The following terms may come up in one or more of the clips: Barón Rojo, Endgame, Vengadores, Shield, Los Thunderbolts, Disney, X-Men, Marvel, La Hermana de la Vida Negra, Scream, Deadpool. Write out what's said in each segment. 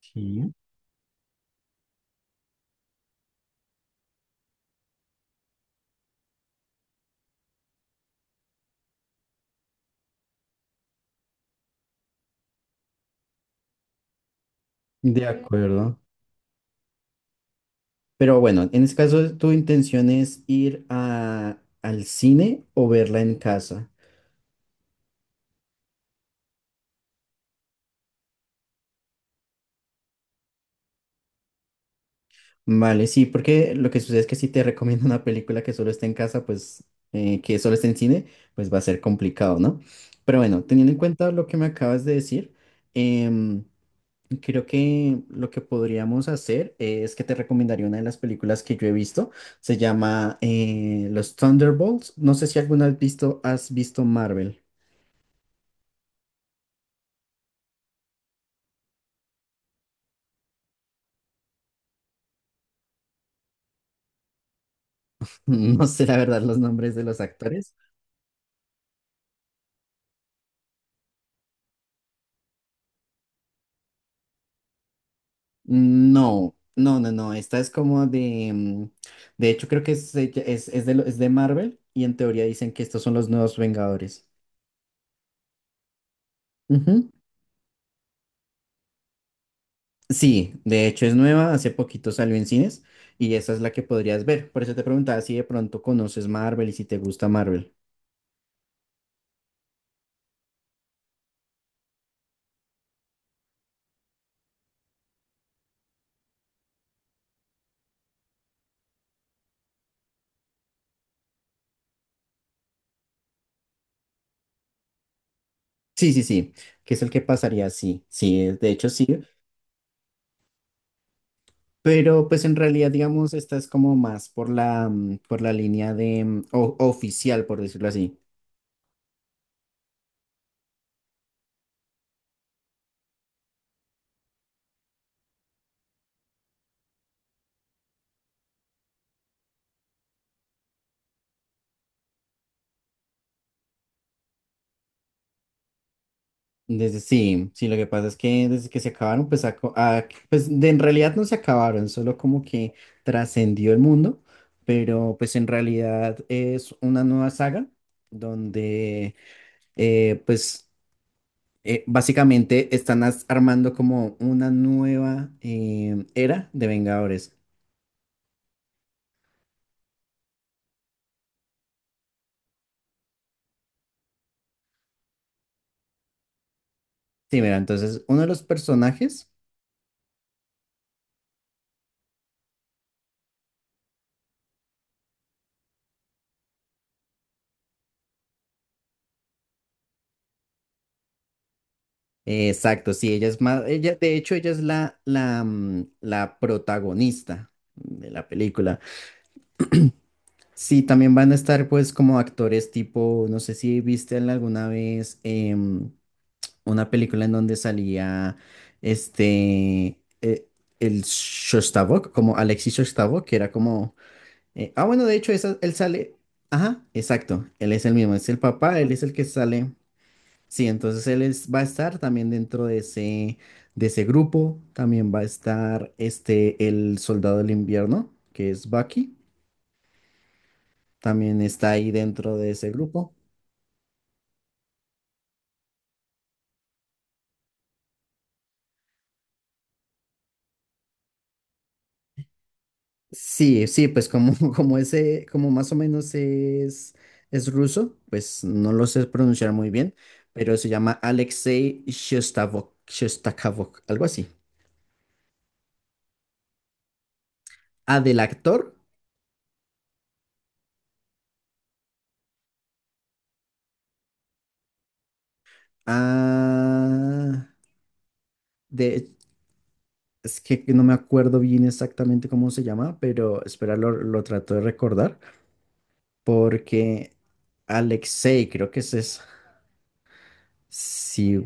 Sí, de acuerdo. Pero bueno, en este caso, ¿tu intención es ir al cine o verla en casa? Vale, sí, porque lo que sucede es que si te recomiendo una película que solo está en casa, pues que solo está en cine, pues va a ser complicado, ¿no? Pero bueno, teniendo en cuenta lo que me acabas de decir, em, creo que lo que podríamos hacer es que te recomendaría una de las películas que yo he visto. Se llama Los Thunderbolts. No sé si alguna vez visto, has visto Marvel. No sé la verdad los nombres de los actores. No, no, no, no. Esta es como de. De hecho, creo que es, ella- es de, lo- es de Marvel y en teoría dicen que estos son los nuevos Vengadores. Ujú. Sí, de hecho es nueva. Hace poquito salió en cines y esa es la que podrías ver. Por eso te preguntaba si de pronto conoces Marvel y si te gusta Marvel. Sí, sí, sí. Que es el que pasaría, sí. Sí, de hecho sí. Pero pues en realidad, digamos, esta es como más por la, por la línea de oficial, por decirlo así. Desde, sí, sí, lo que pasa es que desde que se acabaron, pues en realidad no se acabaron, solo como que trascendió el mundo, pero pues en realidad es una nueva saga donde eh, pues básicamente están armando como una nueva era de Vengadores. Sí, mira, entonces uno de los personajes, exacto, sí, ella es más, ella, de hecho ella es la protagonista de la película. Sí, también van a estar pues como actores tipo, no sé si viste alguna vez una película en donde salía este, eh, el Shostakovich, como Alexis Shostakovich, que era como, ah bueno, de hecho él sale, ajá, exacto, él es el mismo, es el papá, él es el que sale, sí, entonces va a estar también dentro de ese grupo, también va a estar este, el soldado del invierno, que es Bucky, también está ahí dentro de ese grupo. Sí, sí, pues como, como ese, como más o menos es ruso, pues no lo sé pronunciar muy bien, pero se llama Alexei Shostakovich, Shostakovich, algo así. Ah, del actor, ah, de, es que no me acuerdo bien exactamente cómo se llama, pero espera, lo trato de recordar, porque Alexei, creo que es eso. Sí.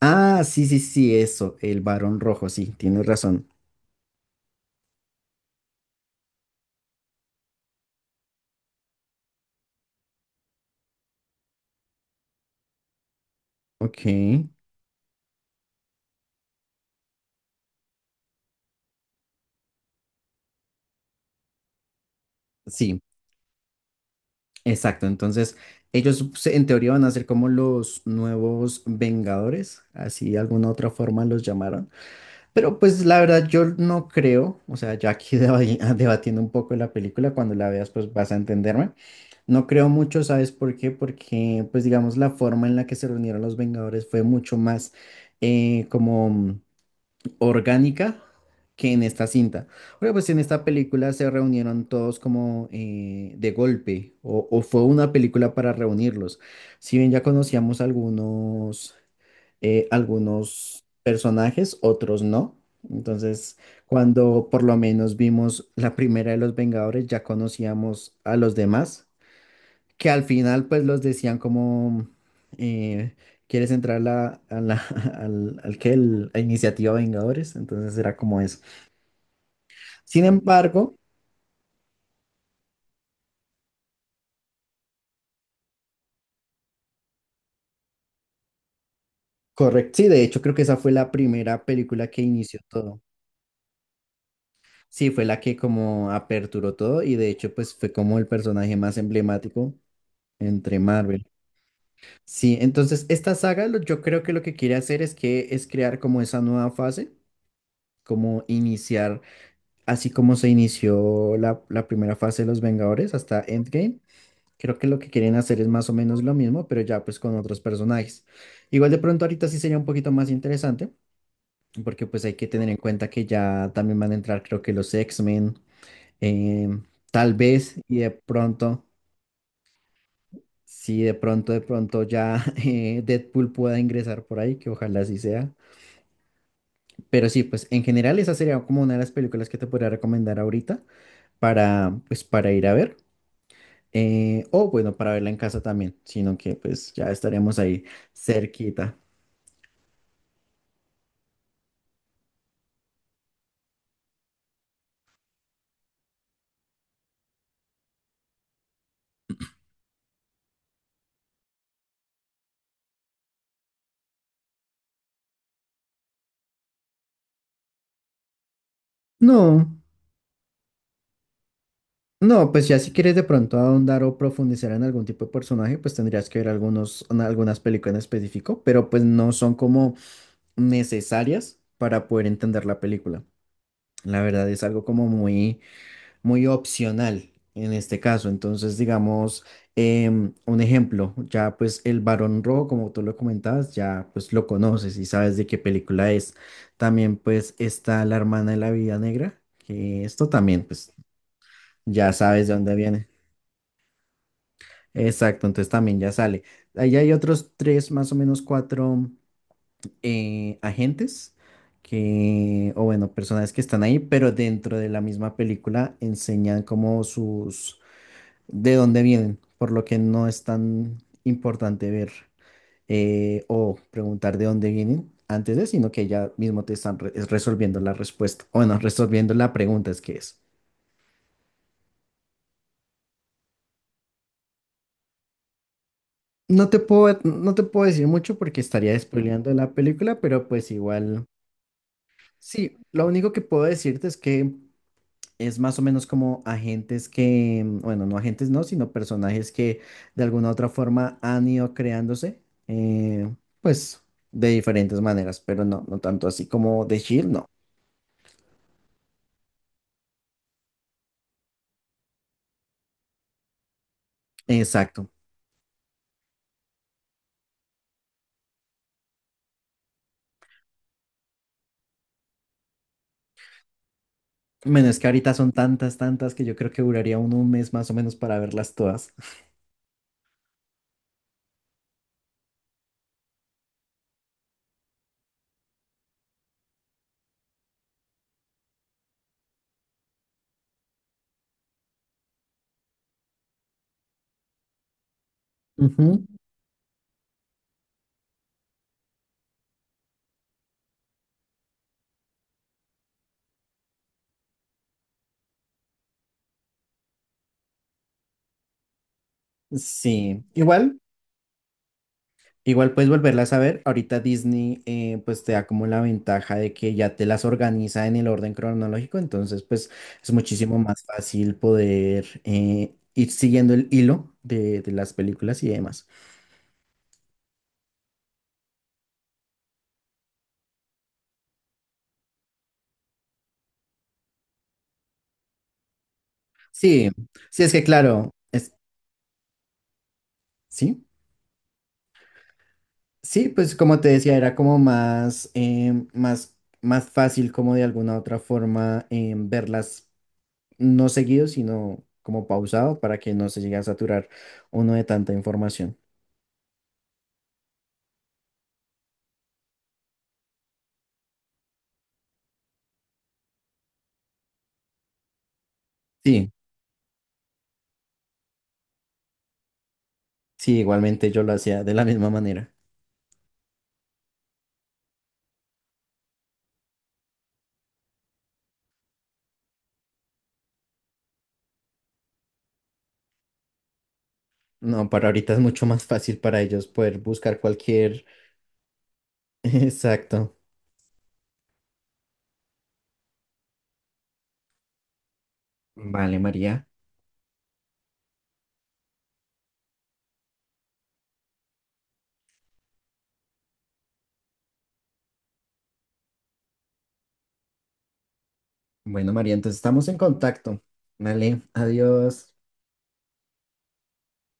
Ah, sí, sí, sí, eso, el varón rojo, sí, tienes razón. Ok. Sí, exacto, entonces en teoría van a ser como los nuevos Vengadores, así de alguna otra forma los llamaron, pero pues la verdad yo no creo, o sea, ya aquí debatiendo un poco la película, cuando la veas pues vas a entenderme, no creo mucho, ¿sabes por qué? Porque pues digamos la forma en la que se reunieron los Vengadores fue mucho más como orgánica que en esta cinta. Porque pues en esta película se reunieron todos como de golpe o fue una película para reunirlos. Si bien ya conocíamos algunos, algunos personajes, otros no. Entonces, cuando por lo menos vimos la primera de los Vengadores, ya conocíamos a los demás que al final pues los decían como, eh, ¿quieres entrar a al, al que el- a Iniciativa Vengadores? Entonces era como eso. Sin embargo, correcto, sí, de hecho creo que esa fue la primera película que inició todo. Sí, fue la que como aperturó todo y de hecho pues fue como el personaje más emblemático entre Marvel. Sí, entonces esta saga, yo creo que lo que quiere hacer es que es crear como esa nueva fase, como iniciar así como se inició la primera fase de los Vengadores hasta Endgame, creo que lo que quieren hacer es más o menos lo mismo, pero ya pues con otros personajes. Igual de pronto ahorita sí sería un poquito más interesante, porque pues hay que tener en cuenta que ya también van a entrar creo que los X-Men, eh, tal vez, y de pronto, sí, de pronto ya Deadpool pueda ingresar por ahí, que ojalá así sea. Pero sí, pues en general esa sería como una de las películas que te podría recomendar ahorita para, pues, para ir a ver. O bueno, para verla en casa también, sino que pues ya estaremos ahí cerquita. No, no, pues ya si quieres de pronto ahondar o profundizar en algún tipo de personaje, pues tendrías que ver algunas películas en específico, pero pues no son como necesarias para poder entender la película. La verdad es algo como muy opcional en este caso. Entonces, digamos, un ejemplo, ya pues el Barón Rojo, como tú lo comentabas, ya pues lo conoces y sabes de qué película es. También pues está La Hermana de la Vida Negra, que esto también pues ya sabes de dónde viene. Exacto, entonces también ya sale. Ahí hay otros tres, más o menos cuatro agentes que, o bueno, personas que están ahí, pero dentro de la misma película enseñan como sus de dónde vienen, por lo que no es tan importante ver o preguntar de dónde vienen antes de, sino que ya mismo te están re- es resolviendo la respuesta, o bueno, resolviendo la pregunta es que es. No te puedo decir mucho porque estaría spoileando la película, pero pues igual, sí, lo único que puedo decirte es que es más o menos como agentes que, bueno, no agentes no, sino personajes que de alguna u otra forma han ido creándose, eh, pues de diferentes maneras, pero no, no tanto así como de Shield, no. Exacto. Bueno, es que ahorita son tantas, tantas que yo creo que duraría uno un mes más o menos para verlas todas. Ujú. Sí, igual. Igual puedes volverlas a ver. Ahorita Disney pues te da como la ventaja de que ya te las organiza en el orden cronológico, entonces pues es muchísimo más fácil poder ir siguiendo el hilo de las películas y demás. Sí, sí es que claro, es, sí, sí, pues como te decía, era como más fácil como de alguna otra forma verlas no seguido, sino como pausado para que no se llegue a saturar uno de tanta información. Sí. Sí, igualmente yo lo hacía de la misma manera. No, para ahorita es mucho más fácil para ellos poder buscar cualquier... Exacto. Vale, María. Bueno, María, entonces estamos en contacto. Vale, adiós.